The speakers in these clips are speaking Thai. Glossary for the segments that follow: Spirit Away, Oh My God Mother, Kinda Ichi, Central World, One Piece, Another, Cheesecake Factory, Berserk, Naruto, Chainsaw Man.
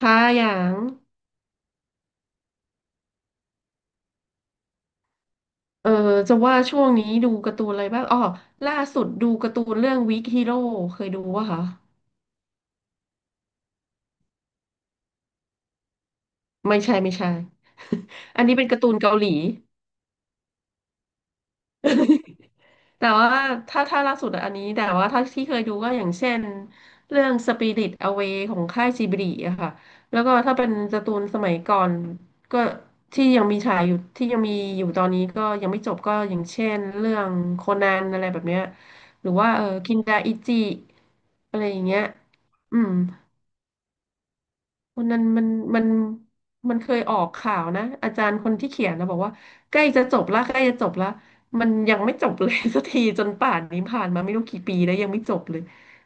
ค่ะอย่างเออจะว่าช่วงนี้ดูการ์ตูนอะไรบ้าง อ๋อ ล่าสุดดูการ์ตูนเรื่องวิกฮีโร่เคยดูวะคะไม่ใช่ไม่ใช่ อันนี้เป็นการ์ตูนเกาหลี แต่ว่าถ้าล่าสุดอันนี้แต่ว่าถ้าที่เคยดูก็อย่างเช่นเรื่อง Spirit Away ของค่ายจิบลิอะค่ะแล้วก็ถ้าเป็นการ์ตูนสมัยก่อนก็ที่ยังมีฉายอยู่ที่ยังมีอยู่ตอนนี้ก็ยังไม่จบก็อย่างเช่นเรื่องโคนันอะไรแบบเนี้ยหรือว่าเออคินดาอิจิอะไรอย่างเงี้ยอืม วันนั้นมันมันเคยออกข่าวนะอาจารย์คนที่เขียนนะบอกว่าใกล้จะจบละใกล้จะจบละมันยังไม่จบเลย สักทีจนป่านนี้ผ่านมาไม่รู้กี่ปีแล้วยังไม่จบเลย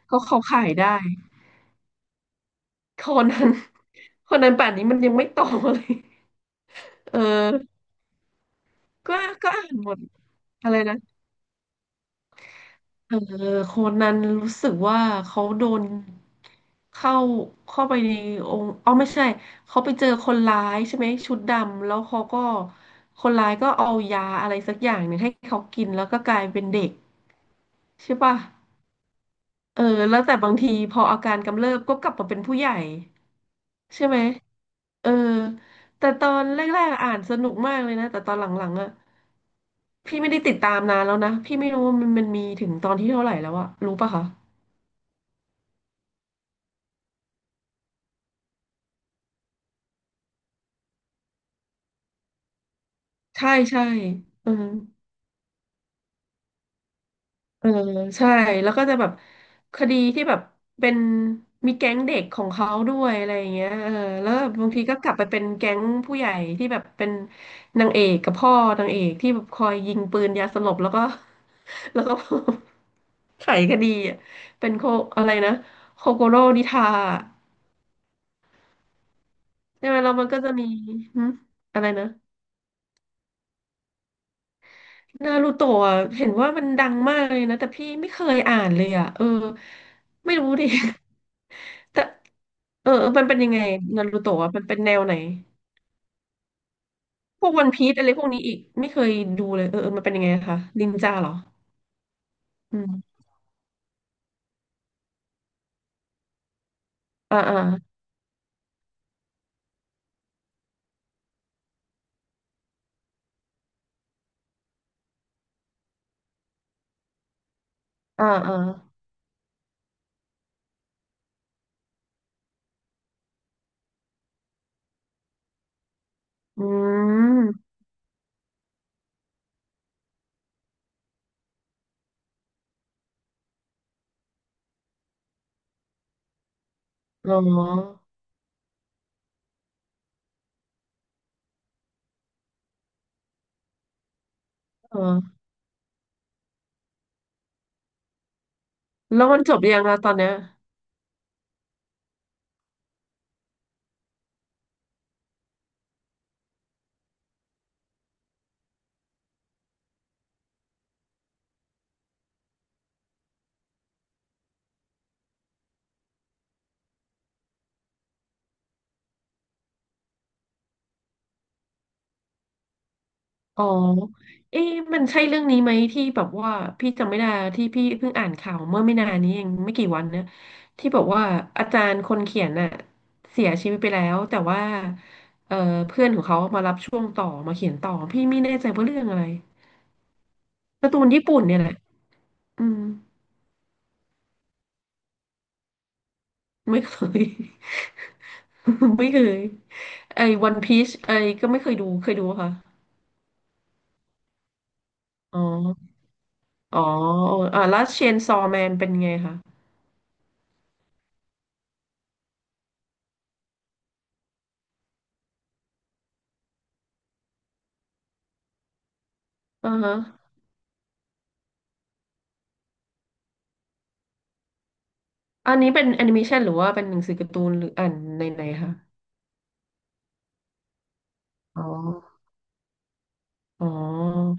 เขาขายได้คนนั้นคนนั้นป่านนี้มันยังไม่โตเลยเออก็ก็อ่านหมดอะไรนะ เออโคนันรู้สึกว่าเขาโดนเข้าเข้าไปในองค์อ๋อไม่ใช่เขาไปเจอคนร้ายใช่ไหมชุดดำแล้วเขาก็คนร้ายก็เอายาอะไรสักอย่างหนึ่งให้เขากินแล้วก็กลายเป็นเด็กใช่ป่ะเออแล้วแต่บางทีพออาการกำเริบก็กลับมาเป็นผู้ใหญ่ใช่ไหมเออแต่ตอนแรกๆอ่านสนุกมากเลยนะแต่ตอนหลังๆอ่ะพี่ไม่ได้ติดตามนานแล้วนะพี่ไม่รู้ว่ามันมีถึงตอนที่เท่าไหร่แล้วอะรู้ป่ะคะใช่ใช่อืม เออใช่แล้วก็จะแบบคดีที่แบบเป็นมีแก๊งเด็กของเขาด้วยอะไรอย่างเงี้ยเออแล้วบางทีก็กลับไปเป็นแก๊งผู้ใหญ่ที่แบบเป็นนางเอกกับพ่อนางเอกที่แบบคอยยิงปืนยาสลบแล้วก็ แล้วก็ ไขคดีอ่ะเป็นโคอะไรนะโคโกโร่นิทาใช่ไหมแล้วมันก็จะมีหึอะไรนะนารูโตะอะเห็นว่ามันดังมากเลยนะแต่พี่ไม่เคยอ่านเลยอ่ะเออไม่รู้ดิ แต่เออมันเป็นยังไงนารูโตะอะมันเป็นแนวไหนพวกวันพีซอะไรพวกนี้อีกไม่เคยดูเลยเออเออมันเป็นยังไงคะนินจาเหรออืมอ่าอ่าอ่าอ่าอืมอ๋อเออแล้วมันจบยังอะตอนเนี้ย อ๋อเอ๊ะมันใช่เรื่องนี้ไหมที่แบบว่าพี่จำไม่ได้ที่พี่เพิ่งอ่านข่าวเมื่อไม่นานนี้เองไม่กี่วันเนี่ยที่บอกว่าอาจารย์คนเขียนน่ะเสียชีวิตไปแล้วแต่ว่าเอ่อเพื่อนของเขามารับช่วงต่อมาเขียนต่อพี่ไม่แน่ใจว่าเรื่องอะไรการ์ตูนญี่ปุ่นเนี่ยแหละอืมไม่เคย ไม่เคยไอ้วันพีชไอ้ก็ไม่เคยดูเคยดูปะค่ะอ๋ออ๋ออ่าแล้วเชนซอแมนเป็นไงคะอ่าฮะ อันนี้เป็นแอนิเมชันหรือว่าเป็นหนังสือการ์ตูนหรืออ่านในไหนๆคะอ๋ออ๋อ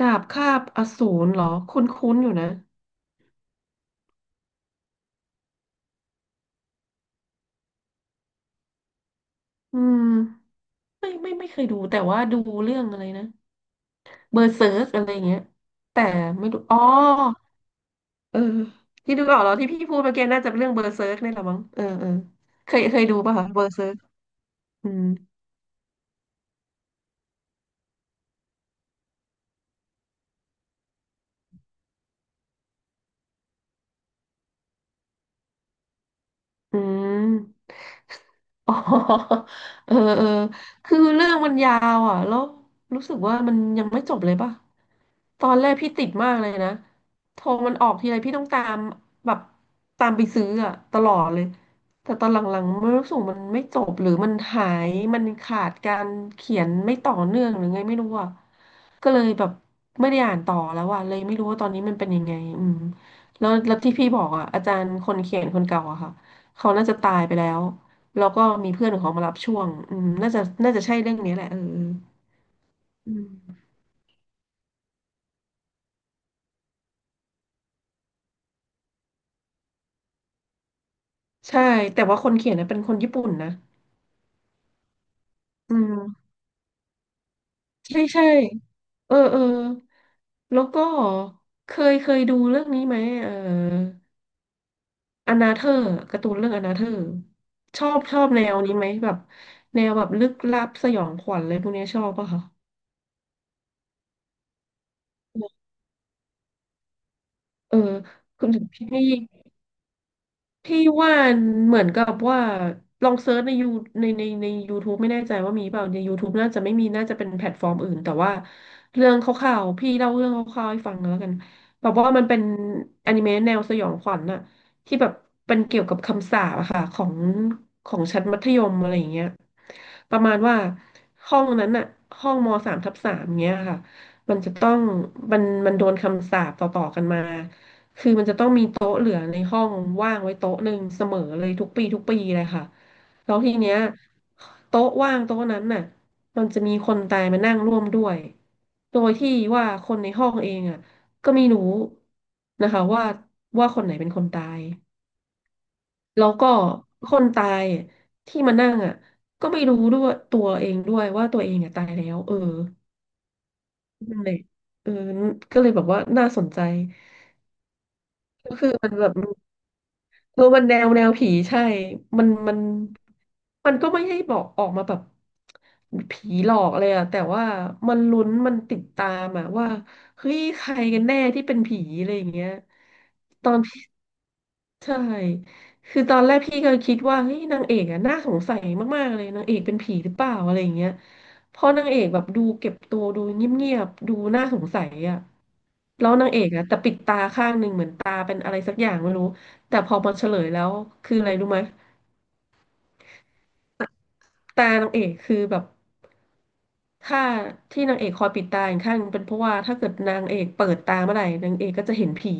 ดาบคาบอสูรเหรอ คุ้นๆอยู่นะ อืม ไม่ไม่ไม่เคยดูแต่ว่าดูเรื่องอะไรนะเบอร์เซิร์กอะไรอย่างเงี้ยแต่ไม่ดู อ๋อเออที่ดูออกแล้วที่พี่พูดเมื่อกี้น่าจะเป็นเรื่องเบอร์เซิร์กนี่แหละมั้ง เออเออเคยดูป่ะคะเบอร์เซิร์กอืม อืม อ๋อ เออเออคือเรื่องมันยาวอ่ะแล้วรู้สึกว่ามันยังไม่จบเลยป่ะตอนแรกพี่ติดมากเลยนะ โทรมันออกทีไรพี่ต้องตามแบบตามไปซื้ออ่ะตลอดเลย แต่ตอนหลังๆมันรู้สึกมันไม่จบหรือมันหายมันขาดการเขียนไม่ต่อเนื่องหรือไงไม่รู้อ่ะ ก็เลยแบบไม่ได้อ่านต่อแล้วอ่ะเลยไม่รู้ว่าตอนนี้มันเป็นยังไงอืมแล้วที่พี่บอกอะอาจารย์คนเขียนคนเก่าอะค่ะเขาน่าจะตายไปแล้วแล้วก็มีเพื่อนของเขามารับช่วงอืมน่าจะน่าจะใช่เรื่องนี้แหละเอออืมใช่แต่ว่าคนเขียนนะเป็นคนญี่ปุ่นนะอืมใช่ใช่เออเออแล้วก็เคยดูเรื่องนี้ไหมเออ อนาเธอร์การ์ตูนเรื่องอนาเธอร์ชอบชอบแนวนี้ไหมแบบแนวแบบลึกลับสยองขวัญอะไรพวกเนี้ยชอบป่ะคะเออคุณถึงพี่ พี่ว่าเหมือนกับว่าลองเซิร์ชในยูใน YouTube ไม่แน่ใจว่ามีเปล่าใน YouTube น่าจะไม่มีน่าจะเป็นแพลตฟอร์มอื่นแต่ว่าเรื่องคร่าวๆพี่เล่าเรื่องคร่าวๆให้ฟังแล้วกันแบบว่ามันเป็นอนิเมะแนวสยองขวัญน่ะที่แบบเป็นเกี่ยวกับคำสาปอะค่ะของของชั้นมัธยมอะไรอย่างเงี้ยประมาณว่าห้องนั้นน่ะห้องมสามทับสามเงี้ยค่ะมันจะต้องมันโดนคำสาปต่อๆกันมา คือมันจะต้องมีโต๊ะเหลือในห้องว่างไว้โต๊ะหนึ่งเสมอเลยทุกปีทุกปีเลยค่ะแล้วทีเนี้ยโต๊ะว่างโต๊ะนั้นน่ะมันจะมีคนตายมานั่งร่วมด้วยโดยที่ว่าคนในห้องเองอ่ะก็ไม่รู้นะคะว่าคนไหนเป็นคนตายแล้วก็คนตายที่มานั่งอ่ะก็ไม่รู้ด้วยตัวเองด้วยว่าตัวเองอ่ะตายแล้วเออนั่นเลยเออก็เลยแบบว่าน่าสนใจก็คือมันแบบ เออมันแนวแนวผีใช่ มันมันมันก็ไม่ให้บอกออกมาแบบผีหลอกเลยอะแต่ว่ามันลุ้นมันติดตามอะว่าเฮ้ยใครกันแน่ที่เป็นผีอะไรอย่างเงี้ยตอน ใช่คือตอนแรกพี่ก็คิดว่าเฮ้ยนางเอกอะน่าสงสัยมากๆเลยนางเอกเป็นผีหรือเปล่าอะไรอย่างเงี้ยเพอนางเอกแบบดูเก็บตัวดูเงียบๆดูน่าสงสัยอะแล้วนางเอกอะแต่ปิดตาข้างหนึ่งเหมือนตาเป็นอะไรสักอย่างไม่รู้แต่พอมาเฉลยแล้วคืออะไรรู้ไหมตานางเอกคือแบบถ้าที่นางเอกคอยปิดตาอีกข้างหนึ่งเป็นเพราะว่าถ้าเกิดนางเอกเปิดตาเมื่อไหร่นางเอกก็จะเห็นผี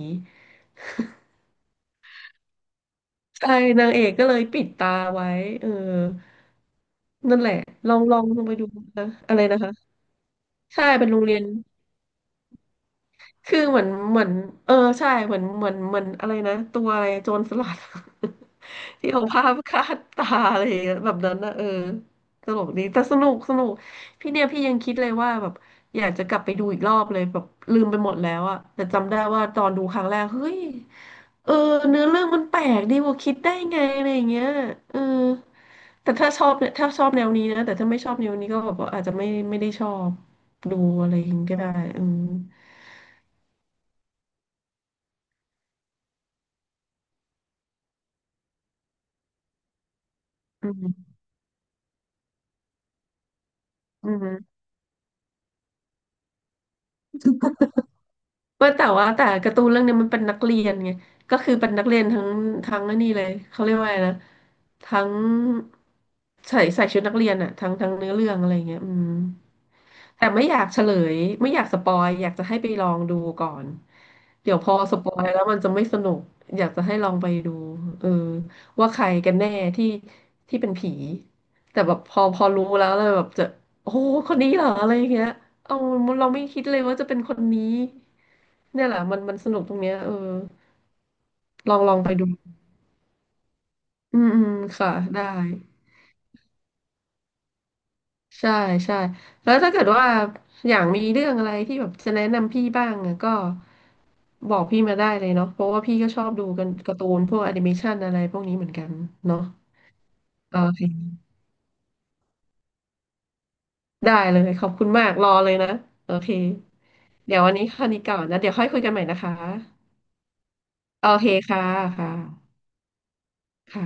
ใช่นางเอกก็เลยปิดตาไว้เออ นั่นแหละลองไปดูนะอะไรนะคะใช่เป็นโรงเรียน คือเหมือนเออใช่เหมือนอะไรนะตัวอะไรโจรสลัด ที่เอาผ้าคาดตาอะไรอย่างเงี้ยแบบนั้นนะเออตลกดีแต่สนุกสนุกพี่เนี่ยพี่ยังคิดเลยว่าแบบอยากจะกลับไปดูอีกรอบเลยแบบลืมไปหมดแล้วอะแต่จำได้ว่าตอนดูครั้งแรกเฮ้ยเออเนื้อเรื่องมันแปลกดีกว่าคิดได้ไงอะไรอย่างเงี้ยเออแต่ถ้าชอบเนี่ยถ้าชอบแนวนี้นะแต่ถ้าไม่ชอบแนวนี้ก็แบบว่าอาจจะไม่ได้ชอบดูอะไรอย่างงี้ก็ได้อืมอืม อืม ว่าแต่การ์ตูนเรื่องเนี้ยมันเป็นนักเรียนไงก็คือเป็นนักเรียนทั้งไอ้นี่เลยเขาเรียกว่าอะไงนะทั้งใส่ชุดนักเรียนอะทั้งเนื้อเรื่องอะไรเงี้ยอืมแต่ไม่อยากเฉลยไม่อยากสปอยอยากจะให้ไปลองดูก่อนเดี๋ยวพอสปอยแล้วมันจะไม่สนุกอยากจะให้ลองไปดูเออว่าใครกันแน่ที่ที่เป็นผีแต่แบบพอรู้แล้วเลยแบบจะโอ้โหคนนี้เหรออะไรอย่างเงี้ย เออเราไม่คิดเลยว่าจะเป็นคนนี้เนี่ยแหละมันมันสนุกตรงเนี้ยเออลองไปดูอืมอืมค่ะได้ใช่ใช่แล้วถ้าเกิดว่าอย่างมีเรื่องอะไรที่แบบจะแนะนำพี่บ้างอะก็บอกพี่มาได้เลยเนาะเพราะว่าพี่ก็ชอบดูกันการ์ตูนพวกแอนิเมชันอะไรพวกนี้เหมือนกันเนาะโอเคได้เลยขอบคุณมากรอเลยนะโอเคเดี๋ยววันนี้แค่นี้ก่อนนะเดี๋ยวค่อยคุยกันใหม่นะคะโอเคค่ะค่ะค่ะ